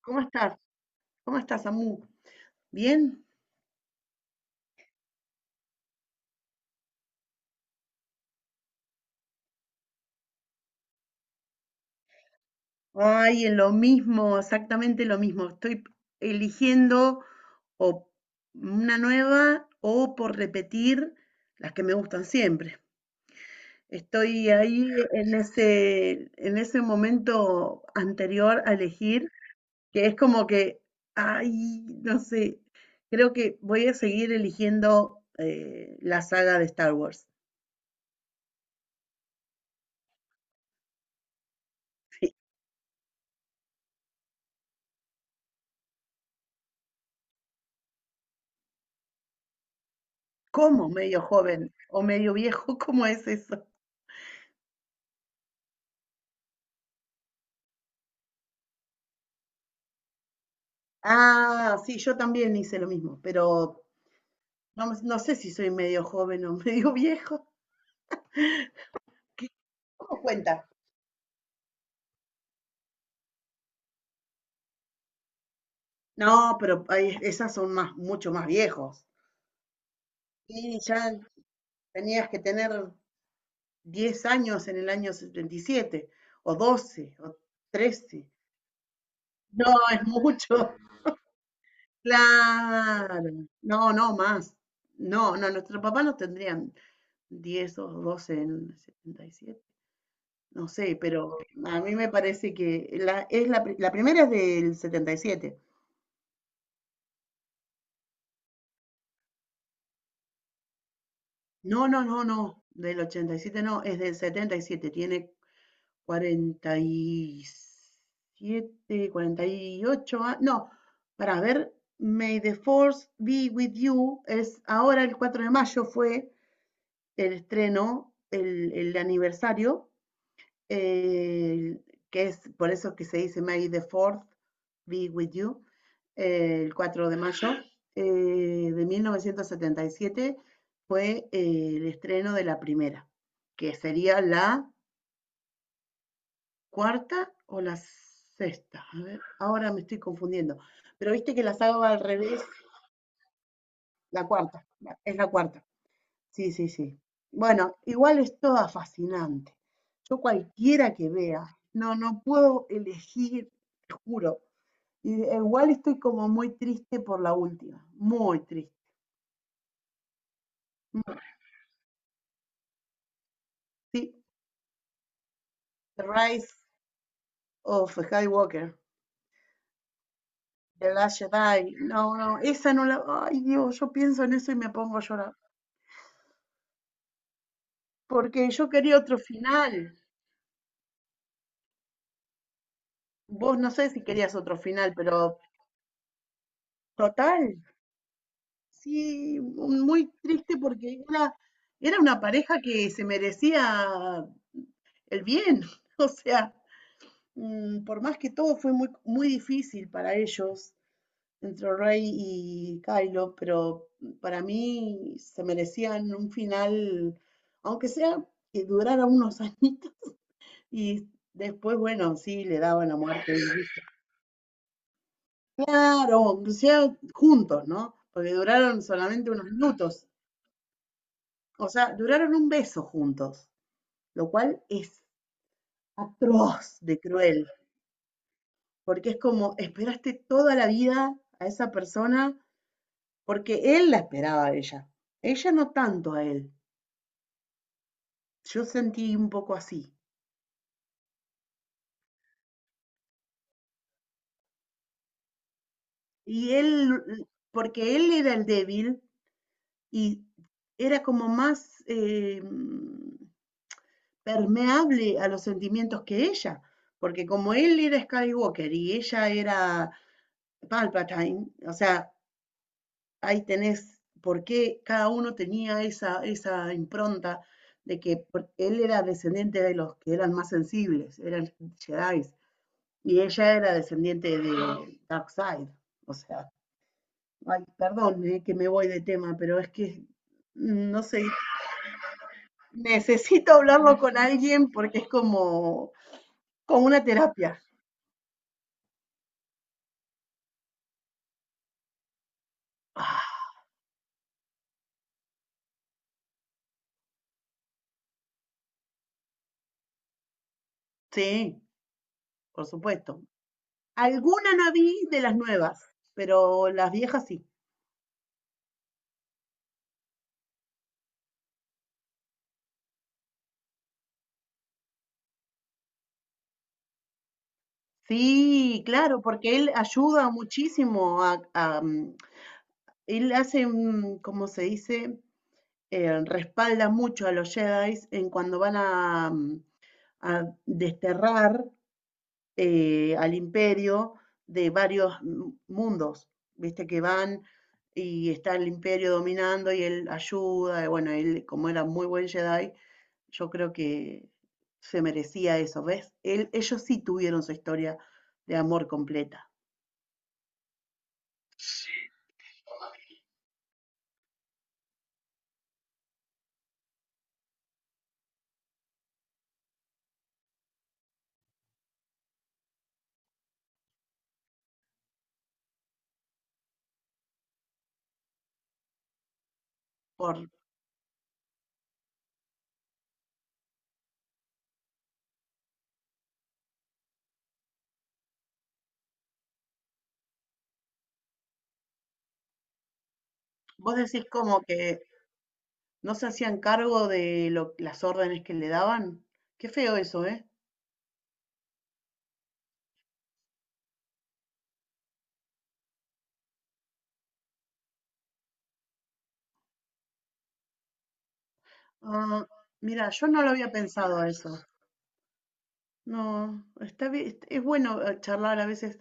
¿Cómo estás? ¿Cómo estás, Amu? ¿Bien? Ay, en lo mismo, exactamente lo mismo. Estoy eligiendo o una nueva o por repetir las que me gustan siempre. Estoy ahí en ese momento anterior a elegir, que es como que, ay, no sé, creo que voy a seguir eligiendo la saga de Star Wars. ¿Cómo medio joven o medio viejo? ¿Cómo es eso? Ah, sí, yo también hice lo mismo, pero no, no sé si soy medio joven o medio viejo. ¿Cómo cuenta? No, pero esas son más, mucho más viejos. Y ya tenías que tener 10 años en el año 77 o 12 o 13. No, es mucho. Claro. No, no, más. No, no, nuestro papá no tendrían 10, o 12 en el 77. No sé, pero a mí me parece que la primera es del 77. No, no, no, no, del 87 no, es del 77. Tiene 47, 48 años. No, para ver, May the Force Be With You es ahora el 4 de mayo fue el estreno, el aniversario. eh, que es por eso que se dice May the Fourth be with you, el 4 de mayo eh, de 1977 fue el estreno de la primera, que sería la cuarta o la sexta. A ver, ahora me estoy confundiendo. Pero viste que la saga va al revés, la cuarta, es la cuarta. Sí, sí, sí. Bueno, igual es toda fascinante. Yo cualquiera que vea, no, no puedo elegir, te juro. Y igual estoy como muy triste por la última, muy triste. Mm, sí, The Rise of Skywalker, The Last Jedi. No, no, esa no la. Ay, Dios, yo pienso en eso y me pongo a llorar. Porque yo quería otro final. Vos no sé si querías otro final, pero total. Sí, muy triste porque era una pareja que se merecía el bien. O sea, por más que todo fue muy, muy difícil para ellos, entre Rey y Kylo, pero para mí se merecían un final, aunque sea que durara unos añitos y después, bueno, sí, le daban la muerte. Claro, aunque sea juntos, ¿no? Porque duraron solamente unos minutos. O sea, duraron un beso juntos, lo cual es atroz de cruel, porque es como esperaste toda la vida a esa persona, porque él la esperaba a ella, ella no tanto a él, yo sentí un poco así, y él, porque él era el débil y era como más permeable a los sentimientos que ella, porque como él era Skywalker y ella era Palpatine, o sea, ahí tenés por qué cada uno tenía esa impronta de que él era descendiente de los que eran más sensibles, eran Jedi, y ella era descendiente de Darkseid. O sea, ay, perdón que me voy de tema, pero es que, no sé, necesito hablarlo con alguien porque es como una terapia. Ah, sí, por supuesto. Alguna no vi de las nuevas, pero las viejas sí. Sí, claro, porque él ayuda muchísimo él hace, ¿cómo se dice? Respalda mucho a los Jedi en cuando van a desterrar al imperio de varios mundos. Viste que van y está el imperio dominando y él ayuda. Y bueno, él como era muy buen Jedi, yo creo que se merecía eso, ¿ves? Ellos sí tuvieron su historia de amor completa por Vos decís como que no se hacían cargo de las órdenes que le daban. Qué feo eso, ¿eh? Ah, mira, yo no lo había pensado a eso. No, está bien, es bueno charlar a veces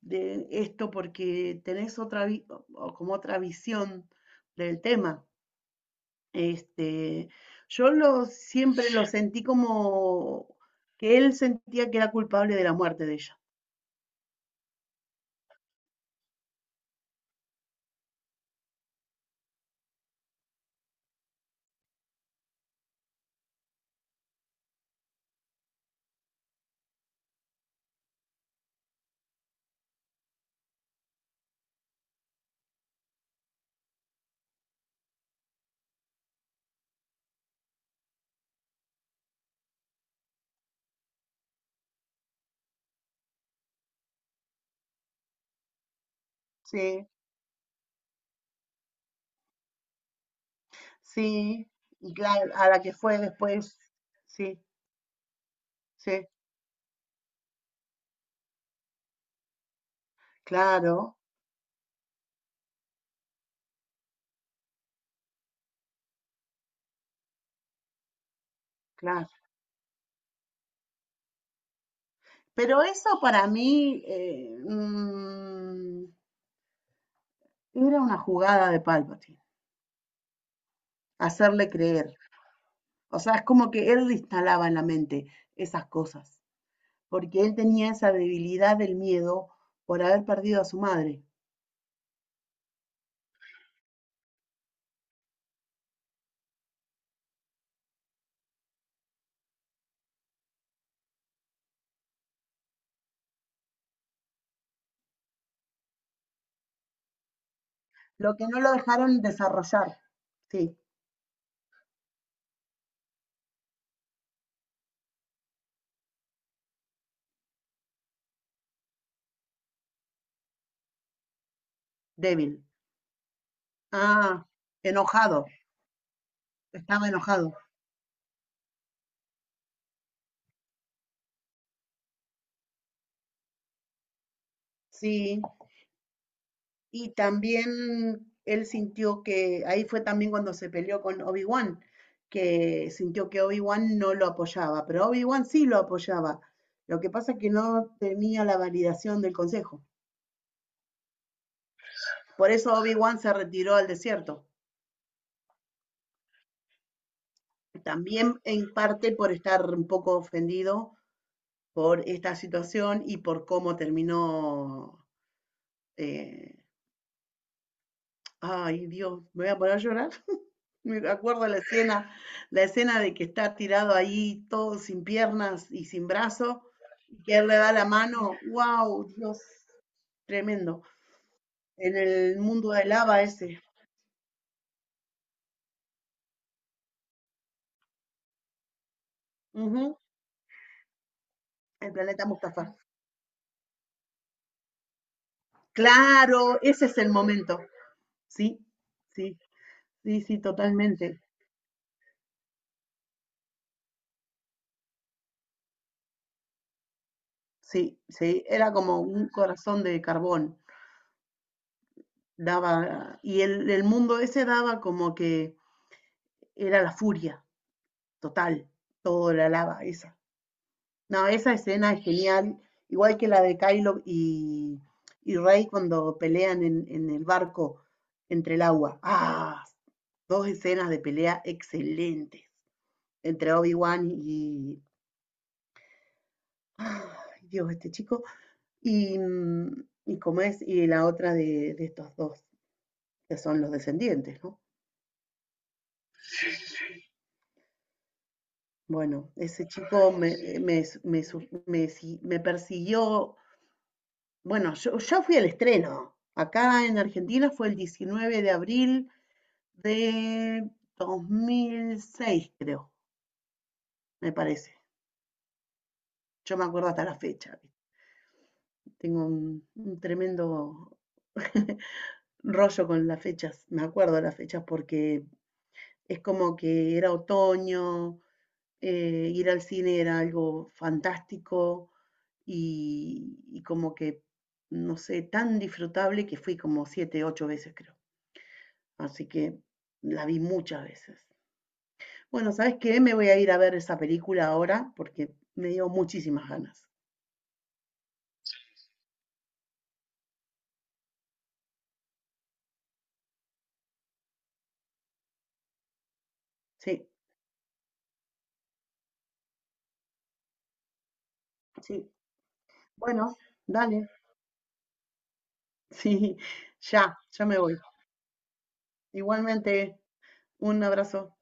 de esto porque tenés o como otra visión del tema. Este, yo lo siempre lo sentí como que él sentía que era culpable de la muerte de ella. Sí, sí, y claro, a la que fue después, sí. Sí, claro, claro. Pero eso para mí era una jugada de Palpatine, hacerle creer. O sea, es como que él le instalaba en la mente esas cosas, porque él tenía esa debilidad del miedo por haber perdido a su madre, lo que no lo dejaron desarrollar. Sí, débil. Ah, enojado, estaba enojado. Sí, y también él sintió que, ahí fue también cuando se peleó con Obi-Wan, que sintió que Obi-Wan no lo apoyaba, pero Obi-Wan sí lo apoyaba. Lo que pasa es que no tenía la validación del consejo. Por eso Obi-Wan se retiró al desierto. También en parte por estar un poco ofendido por esta situación y por cómo terminó. eh, Ay, Dios, me voy a poner a llorar. Me acuerdo la escena de que está tirado ahí todo sin piernas y sin brazo, y que él le da la mano. ¡Wow! Dios, tremendo. En el mundo de lava ese. Ujú. El planeta Mustafa. Claro, ese es el momento. Sí, sí, sí, sí, totalmente. Sí, sí. Era como un corazón de carbón. Y el mundo ese daba como que era la furia total, toda la lava esa. No, esa escena es genial, igual que la de Kylo y Rey cuando pelean en el barco entre el agua. Ah, dos escenas de pelea excelentes entre Obi-Wan y. Ay, Dios, este chico. Y como es, y la otra de estos dos, que son los descendientes, ¿no? Bueno, ese chico me, me, me su- me si- me persiguió. Bueno, yo fui al estreno. Acá en Argentina fue el 19 de abril de 2006, creo, me parece. Yo me acuerdo hasta la fecha. Tengo un tremendo rollo con las fechas. Me acuerdo de las fechas porque es como que era otoño, ir al cine era algo fantástico y como que, no sé, tan disfrutable que fui como siete, ocho veces, creo. Así que la vi muchas veces. Bueno, ¿sabes qué? Me voy a ir a ver esa película ahora porque me dio muchísimas ganas. Sí, sí. Bueno, dale. Sí, ya, ya me voy. Igualmente, un abrazo.